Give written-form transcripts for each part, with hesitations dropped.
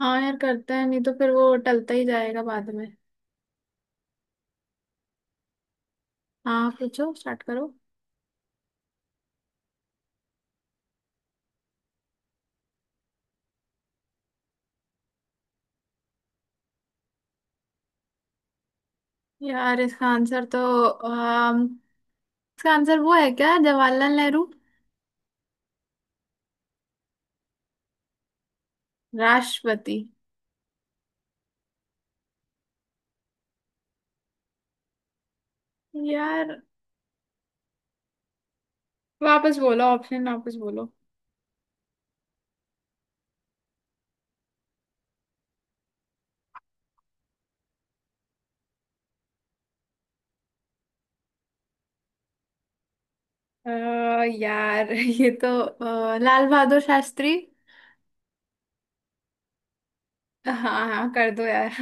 हाँ यार करते हैं नहीं तो फिर वो टलता ही जाएगा बाद में। हाँ पूछो स्टार्ट करो। यार इसका आंसर तो अम, इसका आंसर वो है क्या, जवाहरलाल नेहरू? राष्ट्रपति? यार वापस बोलो, ऑप्शन वापस बोलो। अ, यार ये तो लाल बहादुर शास्त्री। हाँ। हाँ कर दो यार।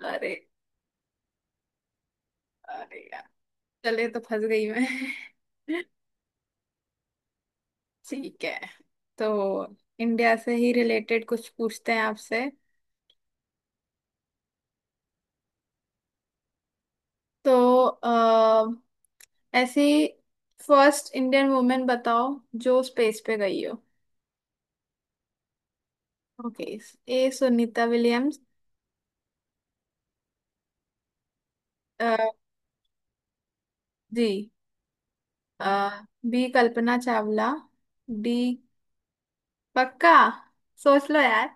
अरे। अरे यार चले तो फंस गई मैं। ठीक है। तो इंडिया से ही रिलेटेड कुछ पूछते हैं आपसे। तो आ, ऐसी फर्स्ट इंडियन वुमेन बताओ जो स्पेस पे गई हो। ओके। A Sunita Williams. अ, जी। बी कल्पना चावला। डी। पक्का सोच लो यार,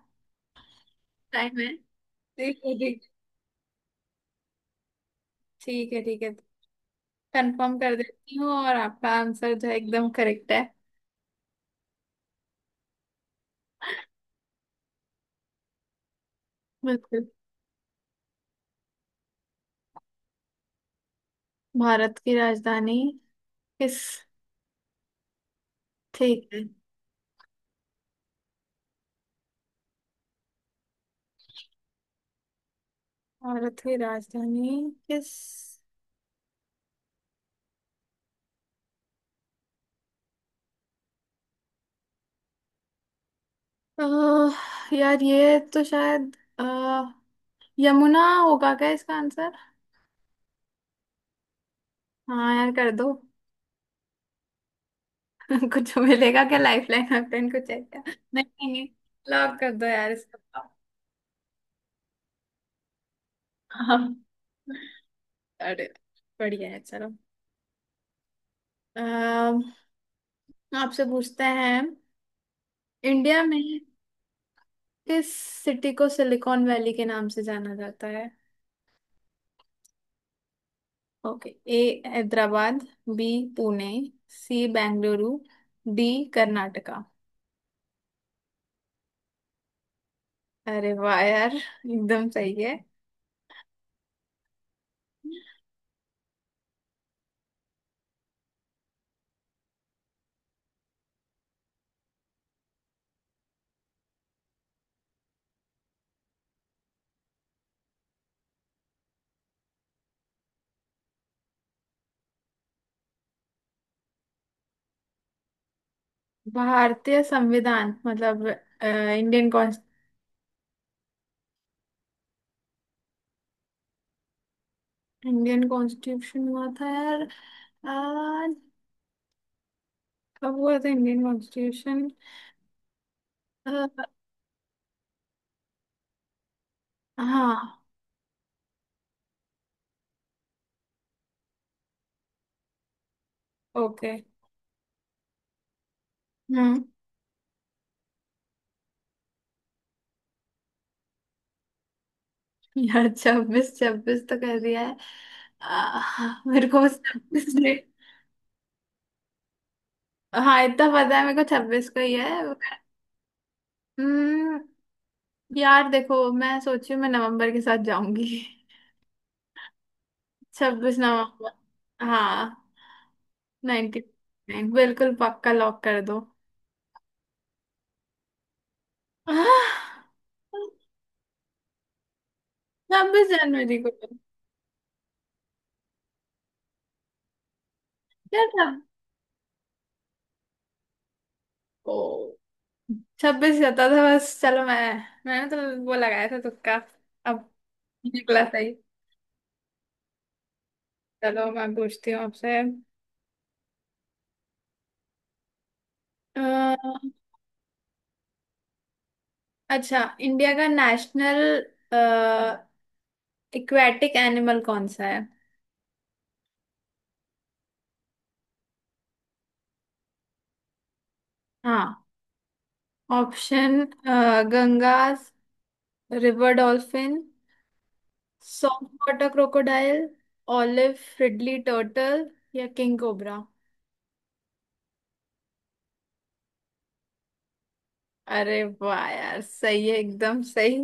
टाइम है। ठीक है, ठीक। ठीक है ठीक है, कंफर्म कर देती हूँ और आपका आंसर जो है एकदम करेक्ट है। बिल्कुल। भारत की राजधानी किस। ठीक है। भारत की राजधानी किस। यार ये तो शायद यमुना होगा क्या इसका आंसर। हाँ यार कर दो। कुछ मिलेगा क्या, लाइफ लाइन वैफलाइन कुछ है क्या? नहीं नहीं, नहीं लॉक कर दो यार इसका। हाँ। अरे, बढ़िया है चलो। अह, आपसे पूछते हैं, इंडिया में किस सिटी को सिलिकॉन वैली के नाम से जाना जाता है? Okay. A Hyderabad. B Pune. C Bengaluru. D Karnataka. अरे वाह यार एकदम सही है। भारतीय संविधान मतलब इंडियन। इंडियन कॉन्स्टिट्यूशन हुआ था यार। अ, कब हुआ था इंडियन कॉन्स्टिट्यूशन? हाँ। ओके। हम्म। यार छब्बीस छब्बीस तो कर दिया है। मेरे को बस 26 डेट। हाँ इतना पता है मेरे को छब्बीस को ही है। हम्म। यार देखो मैं सोची हूँ मैं नवंबर के साथ जाऊंगी। छब्बीस नवंबर। हाँ, नाइनटी नाइन बिल्कुल पक्का लॉक कर दो। आह, छब्बीस जनवरी को? क्या था? ओ, छब्बीस जाता था बस। चलो मैं, मैंने तो वो लगाया था तुक्का अब, निकला सही। चलो मैं पूछती हूँ आपसे। अह, अच्छा इंडिया का नेशनल इक्वेटिक एनिमल कौन सा है? हाँ। Option: Ganga river dolphin, soft water crocodile, olive ridley turtle या किंग कोबरा। अरे वाह यार सही है एकदम सही।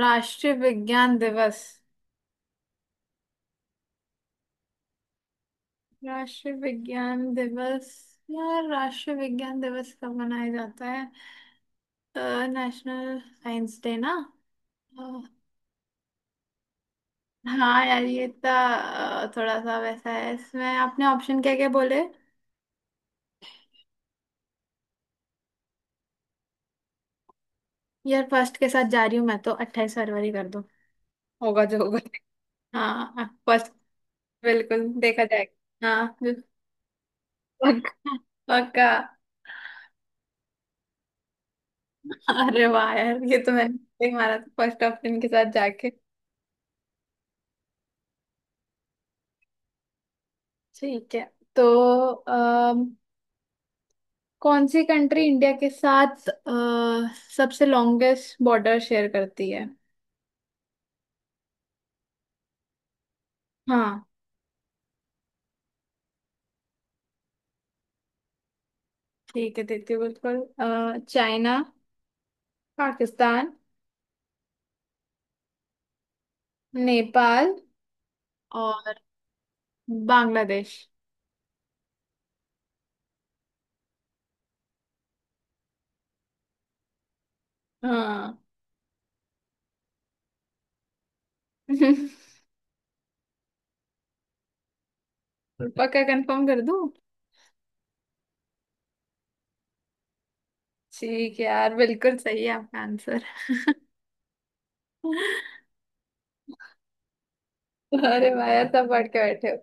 राष्ट्रीय विज्ञान दिवस। राष्ट्रीय विज्ञान दिवस। यार राष्ट्रीय विज्ञान दिवस कब मनाया जाता है? नेशनल साइंस डे ना। अ, हाँ यार ये तो थोड़ा सा वैसा है, इसमें आपने ऑप्शन क्या क्या बोले? यार फर्स्ट के साथ जा रही हूँ मैं तो, अट्ठाईस फरवरी कर दो। होगा जो होगा। हाँ फर्स्ट। बिल्कुल देखा जाएगा। हाँ, पक्का पक्का। अरे वाह यार ये तो मैंने नहीं मारा था फर्स्ट ऑप्शन के साथ जाके। ठीक है। तो अम, कौन सी कंट्री इंडिया के साथ सबसे लॉन्गेस्ट बॉर्डर शेयर करती है? हाँ। ठीक है देती हूँ बिल्कुल। चाइना, पाकिस्तान, नेपाल और बांग्लादेश। हाँ। पक्का कंफर्म कर दूँ? ठीक है यार, बिल्कुल सही है आपका आंसर। अरे भाई तब पढ़ के बैठे हो।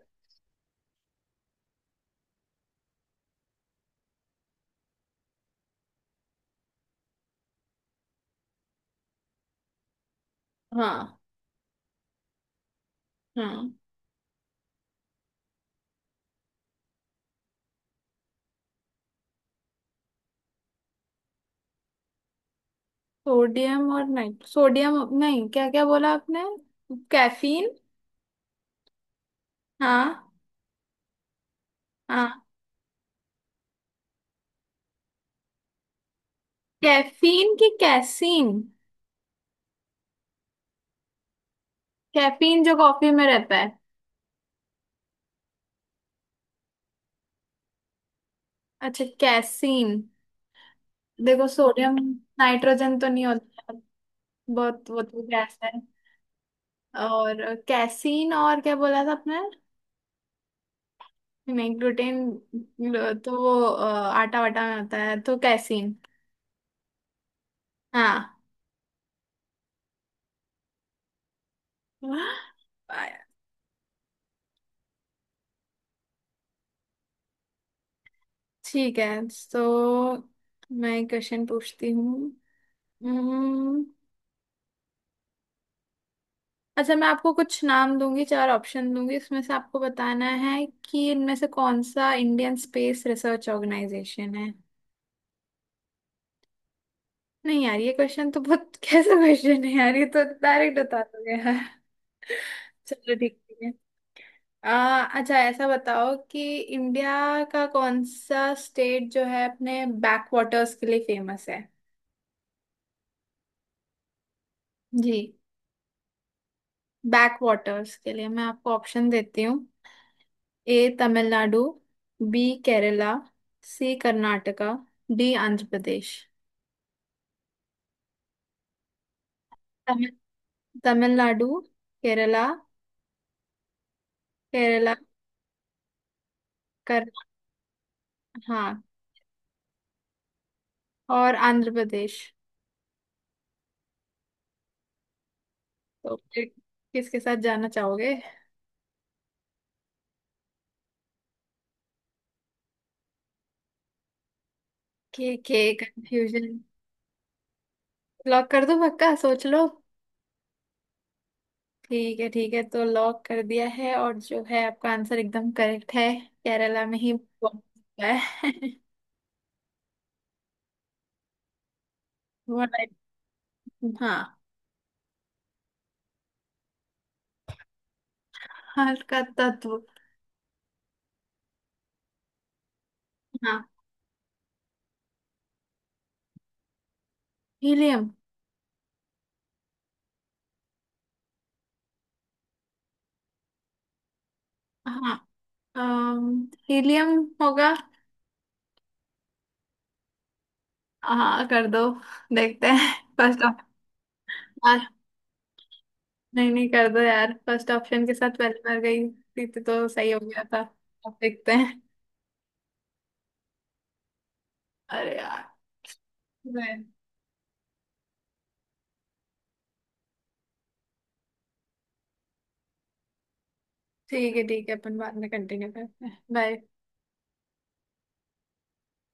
हाँ। हाँ सोडियम और नाइट सोडियम नहीं, क्या क्या बोला आपने? कैफीन? हाँ। हाँ। कैफीन की कैसीन? कैफीन जो कॉफी में रहता है। अच्छा, कैसीन। देखो, सोडियम नाइट्रोजन तो नहीं होता, बहुत वो तो गैस है। और कैसीन और क्या बोला था आपने? नहीं, ग्लूटेन तो वो आटा वाटा में होता है, तो कैसीन। हाँ। ठीक है। तो मैं क्वेश्चन पूछती हूँ। हम्म, अच्छा मैं आपको कुछ नाम दूंगी, चार ऑप्शन दूंगी, उसमें से आपको बताना है कि इनमें से कौन सा इंडियन स्पेस रिसर्च ऑर्गेनाइजेशन है। नहीं यार ये क्वेश्चन तो बहुत कैसा क्वेश्चन है यार, ये तो डायरेक्ट बता दोगे यार। चलो ठीक है। अच्छा ऐसा बताओ कि इंडिया का कौन सा स्टेट जो है अपने बैक वाटर्स के लिए फेमस है? जी, बैक वाटर्स के लिए। मैं आपको ऑप्शन देती हूँ: A Tamil Nadu, B Kerala, C Karnataka, D Andhra Pradesh. Tamil- Tamil Nadu, Kerala, Kerala कर, हाँ, और आंध्र प्रदेश। तो फिर किसके साथ जाना चाहोगे? के कंफ्यूजन। लॉक कर दो, पक्का सोच लो। ठीक है तो लॉक कर दिया है, और जो है आपका आंसर एकदम करेक्ट है, केरला में ही हुआ है। हुआ है। हाँ। हाल का तत्व। हाँ। हीलियम। हाँ। हीलियम होगा। हाँ कर दो, देखते हैं। First option. नहीं नहीं कर दो यार, फर्स्ट ऑप्शन के साथ पहले बार गई थी तो सही हो गया था, अब देखते हैं। अरे यार। मैं- ठीक है ठीक है, अपन बाद में कंटिन्यू करते हैं, बाय।